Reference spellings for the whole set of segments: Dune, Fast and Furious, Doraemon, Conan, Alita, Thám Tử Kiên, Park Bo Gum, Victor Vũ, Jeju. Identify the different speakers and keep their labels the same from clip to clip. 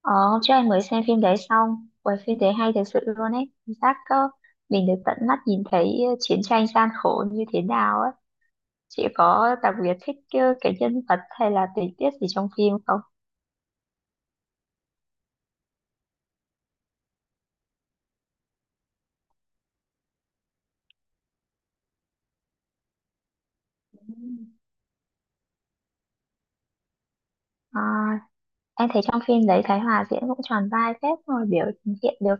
Speaker 1: Ờ, hôm trước em mới xem phim đấy xong. Ui, phim đấy hay thật sự luôn ấy. Cảm giác có mình được tận mắt nhìn thấy chiến tranh gian khổ như thế nào ấy. Chị có đặc biệt thích cái nhân vật hay là tình tiết gì trong phim không? À, em thấy trong phim đấy Thái Hòa diễn cũng tròn vai phết, rồi biểu hiện được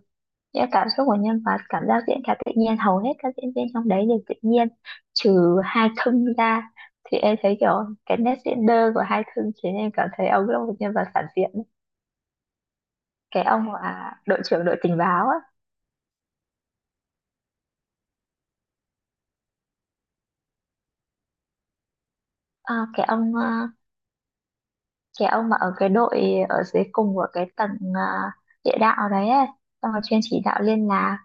Speaker 1: những cảm xúc của nhân vật, cảm giác diễn khá tự nhiên, hầu hết các diễn viên trong đấy đều tự nhiên, trừ hai thương ra. Thì em thấy kiểu cái nét diễn đơ của hai thương khiến em cảm thấy ông là một nhân vật phản diện. Cái ông là đội trưởng đội tình báo á. À, cái ông à, cái ông mà ở cái đội ở dưới cùng của cái tầng à, địa đạo đấy ấy. Xong rồi chuyên chỉ đạo liên lạc,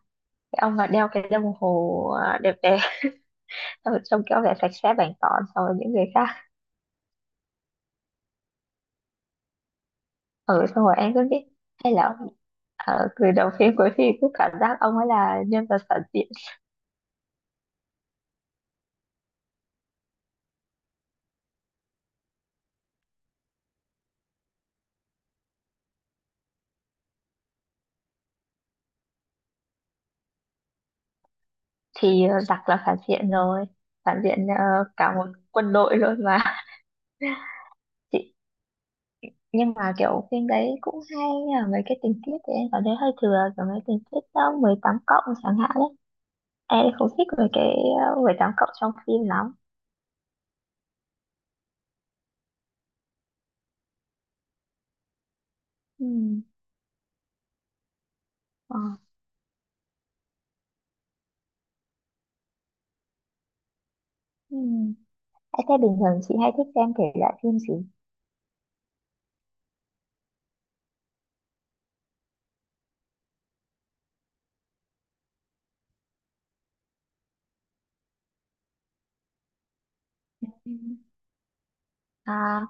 Speaker 1: cái ông mà đeo cái đồng hồ à, đẹp đẽ xong rồi trông kiểu vẻ sạch sẽ bảnh tỏn so với những người khác. Ở xong rồi em cứ biết, hay là ông ở từ đầu phim cuối phim cứ cảm giác ông ấy là nhân vật phản diện. Thì giặc là phản diện rồi, phản diện cả một quân đội luôn mà chị, nhưng mà kiểu phim đấy cũng hay, nhưng mà mấy cái tình tiết thì em cảm thấy hơi thừa, kiểu mấy tình tiết đó 18+ chẳng hạn đấy, em không thích mấy cái 18+ trong phim lắm. Ừ. Ờ. Ừ. Em thấy bình thường chị hay thích xem thể loại phim gì? Ừm. À,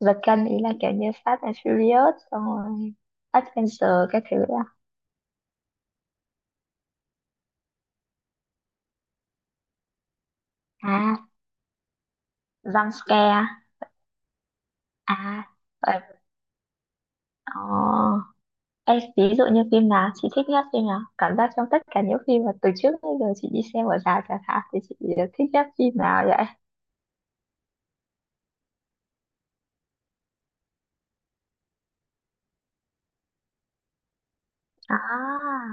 Speaker 1: vật cân ý là kiểu như Fast and Furious, xong rồi Adventure các thứ à? À, jump scare. À, rồi. Ê, ví dụ như phim nào chị thích nhất phim nào? Cảm giác trong tất cả những phim mà từ trước tới giờ chị đi xem ở rạp chẳng hạn, thì chị thích nhất phim nào vậy? À,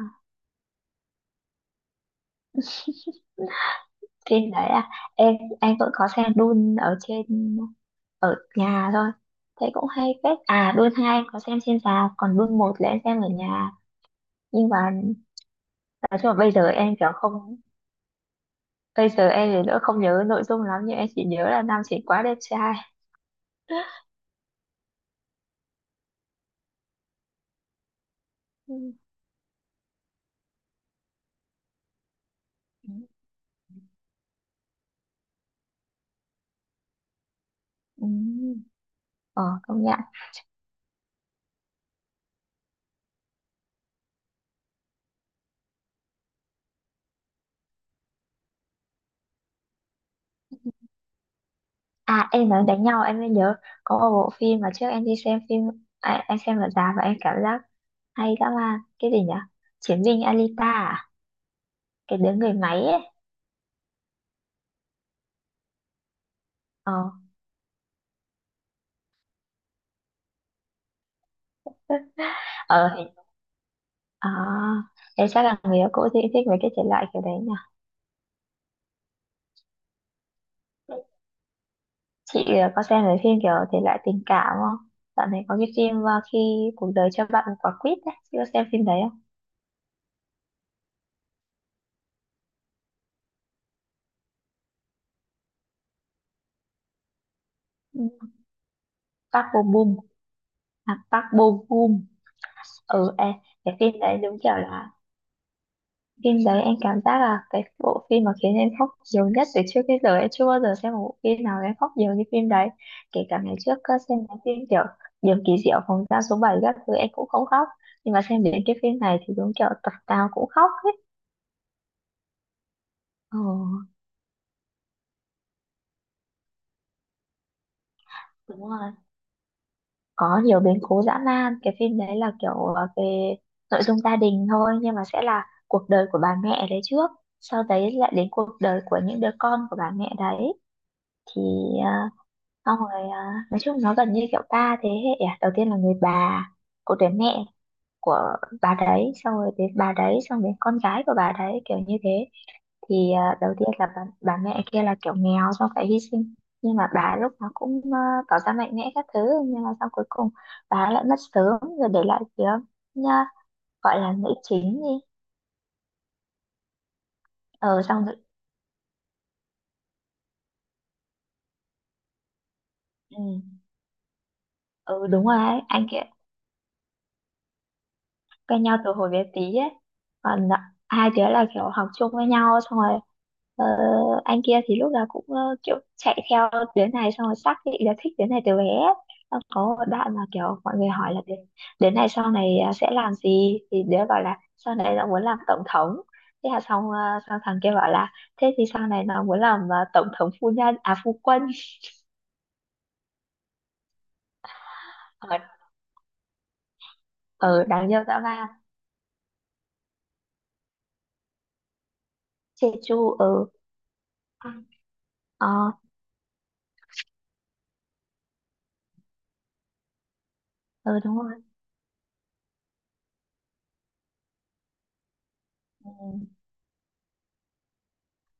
Speaker 1: phim đấy à? Em anh vẫn có xem Dune ở trên, ở nhà thôi. Thế cũng hay phết. À, Dune 2 em có xem trên rạp, còn Dune 1 là em xem ở nhà. Nhưng mà nói chung là bây giờ em thì nữa không nhớ nội dung lắm, nhưng em chỉ nhớ là nam chính quá đẹp trai. Ừ. Ừ. Ừ. Ờ, công nhận. À, em nói đánh nhau em mới nhớ, có một bộ phim mà trước em đi xem phim à, em xem ở rạp và em cảm giác hay dã man, cái gì nhỉ? Chiến binh Alita à? Cái đứa người máy ấy. ờ ờ hình- à, em chắc là người yêu cũ thì thích mấy cái thể loại kiểu đấy nhỉ. Chị có xem mấy phim kiểu thể loại tình cảm không? Dạo này có cái phim khi cuộc đời cho bạn một quả quýt ấy, chị có xem phim đấy không? Ừ, Park Bo Gum. À, Park Bo Gum. Ừ, em, cái phim đấy đúng kiểu là, phim đấy em cảm giác là cái bộ phim mà khiến em khóc nhiều nhất từ trước đến giờ. Em chưa bao giờ xem một bộ phim nào em khóc nhiều như phim đấy. Kể cả ngày trước có xem cái phim kiểu Điều kỳ diệu phòng giam số 7 các thứ em cũng không khóc, nhưng mà xem đến cái phim này thì đúng kiểu tập nào cũng khóc hết. Ờ, đúng rồi. Có nhiều biến cố dã man. Cái phim đấy là kiểu về nội dung gia đình thôi, nhưng mà sẽ là cuộc đời của bà mẹ đấy trước, sau đấy lại đến cuộc đời của những đứa con của bà mẹ đấy. Thì ờ, xong rồi à, nói chung nó gần như kiểu ba thế hệ. À, đầu tiên là người bà của đứa mẹ, của bà đấy, xong rồi đến bà đấy, xong đến con gái của bà đấy, kiểu như thế. Thì à, đầu tiên là bà mẹ kia là kiểu nghèo, xong phải hy sinh, nhưng mà bà lúc nào cũng tỏ ra mạnh mẽ các thứ, nhưng mà sau cuối cùng bà lại mất sớm, rồi để lại phía, nha, gọi là nữ chính đi. Ờ, xong rồi. Ừ, ừ đúng rồi ấy, anh kia quen nhau từ hồi bé tí ấy. Còn hai đứa là kiểu học chung với nhau, xong rồi ờ, anh kia thì lúc nào cũng kiểu chạy theo đứa này, xong rồi xác định là thích đứa này từ bé. Xong có một đoạn mà kiểu mọi người hỏi là đứa, đứa này sau này à, sẽ làm gì, thì đứa bảo là sau này nó muốn làm tổng thống. Thế là xong, xong thằng kia bảo là thế thì sau này nó muốn làm tổng thống phu nhân, à phu quân. Ở, ở, đáng yêu dã man. Jeju ở. Ờ. Ờ đúng rồi. Ừ.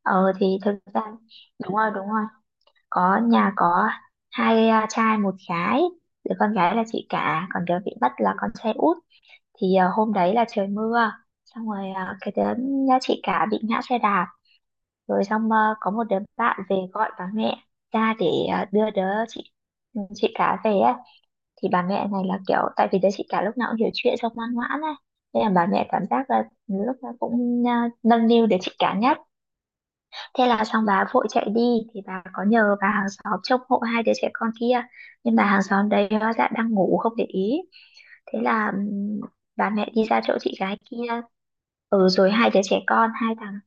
Speaker 1: Ờ thì thực ra, đúng rồi, đúng rồi, có nhà có hai à, trai một gái. Đứa con gái là chị cả, còn đứa bị mất là con trai út. Thì à, hôm đấy là trời mưa, xong rồi à, cái đứa nhà chị cả bị ngã xe đạp, rồi xong à, có một đứa bạn về gọi bà mẹ ra để à, đưa đứa chị cả về ấy. Thì bà mẹ này là kiểu tại vì đứa chị cả lúc nào cũng hiểu chuyện, xong ngoan ngoãn ấy, nên là bà mẹ cảm giác là lúc nào cũng à, nâng niu đứa chị cả nhất. Thế là xong, bà vội chạy đi. Thì bà có nhờ bà hàng xóm trông hộ hai đứa trẻ con kia, nhưng bà hàng xóm đấy hóa ra đang ngủ không để ý. Thế là bà mẹ đi ra chỗ chị gái kia. Ừ, rồi hai đứa trẻ con hai thằng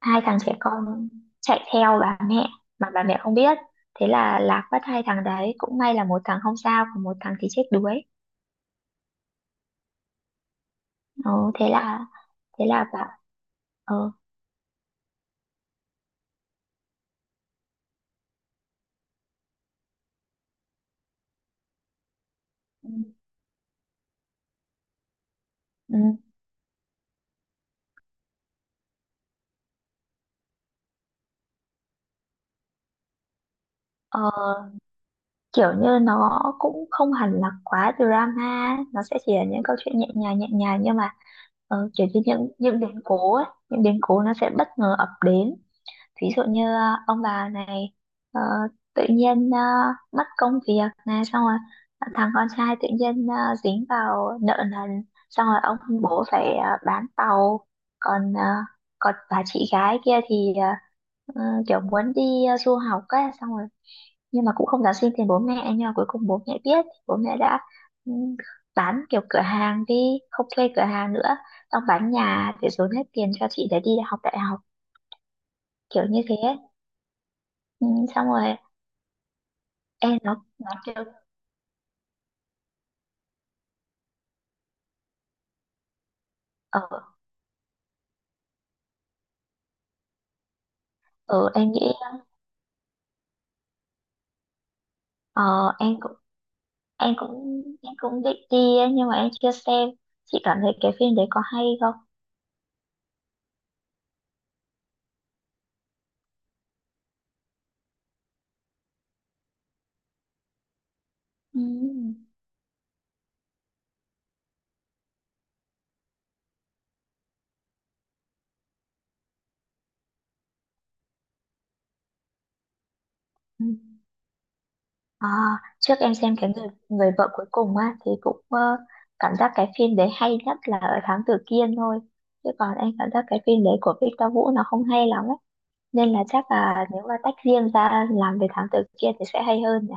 Speaker 1: hai thằng trẻ con chạy theo bà mẹ mà bà mẹ không biết. Thế là lạc mất hai thằng đấy. Cũng may là một thằng không sao, còn một thằng thì chết đuối. Ừ, thế là, thế là bà. Ờ. Ừ, ừ. Ờ, kiểu như nó cũng không hẳn là quá drama, nó sẽ chỉ là những câu chuyện nhẹ nhàng nhẹ nhàng, nhưng mà kiểu như những biến cố ấy, những biến cố nó sẽ bất ngờ ập đến. Ví dụ như ông bà này ờ, tự nhiên mất công việc này, xong rồi thằng con trai tự nhiên dính vào nợ nần, xong rồi ông bố phải bán tàu. Còn ờ, còn bà chị gái kia thì ờ, kiểu muốn đi du học ấy, xong rồi nhưng mà cũng không dám xin tiền bố mẹ, nhưng mà cuối cùng bố mẹ biết, bố mẹ đã ừ, bán kiểu cửa hàng đi, không thuê cửa hàng nữa, xong bán nhà để dồn hết tiền cho chị để đi học đại học, kiểu như thế. Ừ, xong rồi em nó kêu. Ở, ở, em nghĩ ờ, em cũng em cũng định đi ấy, nhưng mà em chưa xem. Chị cảm thấy cái phim đấy có hay không? Ừ. Ừ. À, trước em xem cái người người vợ cuối cùng á thì cũng cảm giác cái phim đấy hay nhất là ở Thám Tử Kiên thôi. Chứ còn em cảm giác cái phim đấy của Victor Vũ nó không hay lắm ấy, nên là chắc là nếu mà tách riêng ra làm về Thám Tử Kiên thì sẽ hay hơn nhỉ.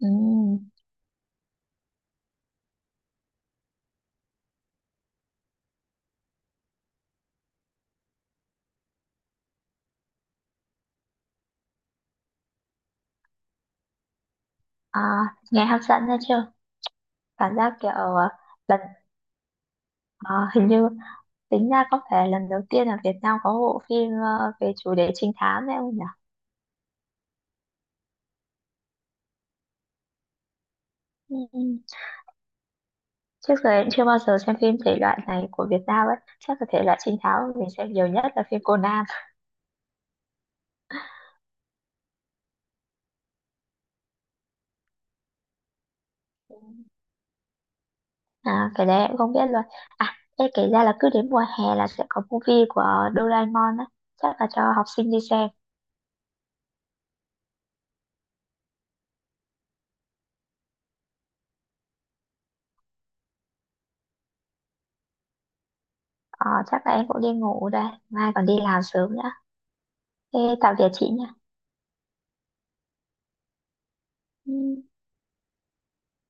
Speaker 1: Ừ. À, nghe hấp dẫn nha chứ. Cảm giác kiểu lần ờ, hình như tính ra có phải lần đầu tiên là Việt Nam có bộ phim về chủ đề trinh thám đấy không nhỉ? Ừ, ừ. Trước giờ em chưa bao giờ xem phim thể loại này của Việt Nam ấy, chắc là thể loại trinh thám mình xem nhiều nhất là phim Conan. Ừ. À, cái đấy em không biết luôn. À, em kể ra là cứ đến mùa hè là sẽ có movie của Doraemon á, chắc là cho học sinh đi xem. Ờ, chắc là em cũng đi ngủ đây, mai còn đi làm sớm nữa. Thế tạm biệt chị nha. Ừ.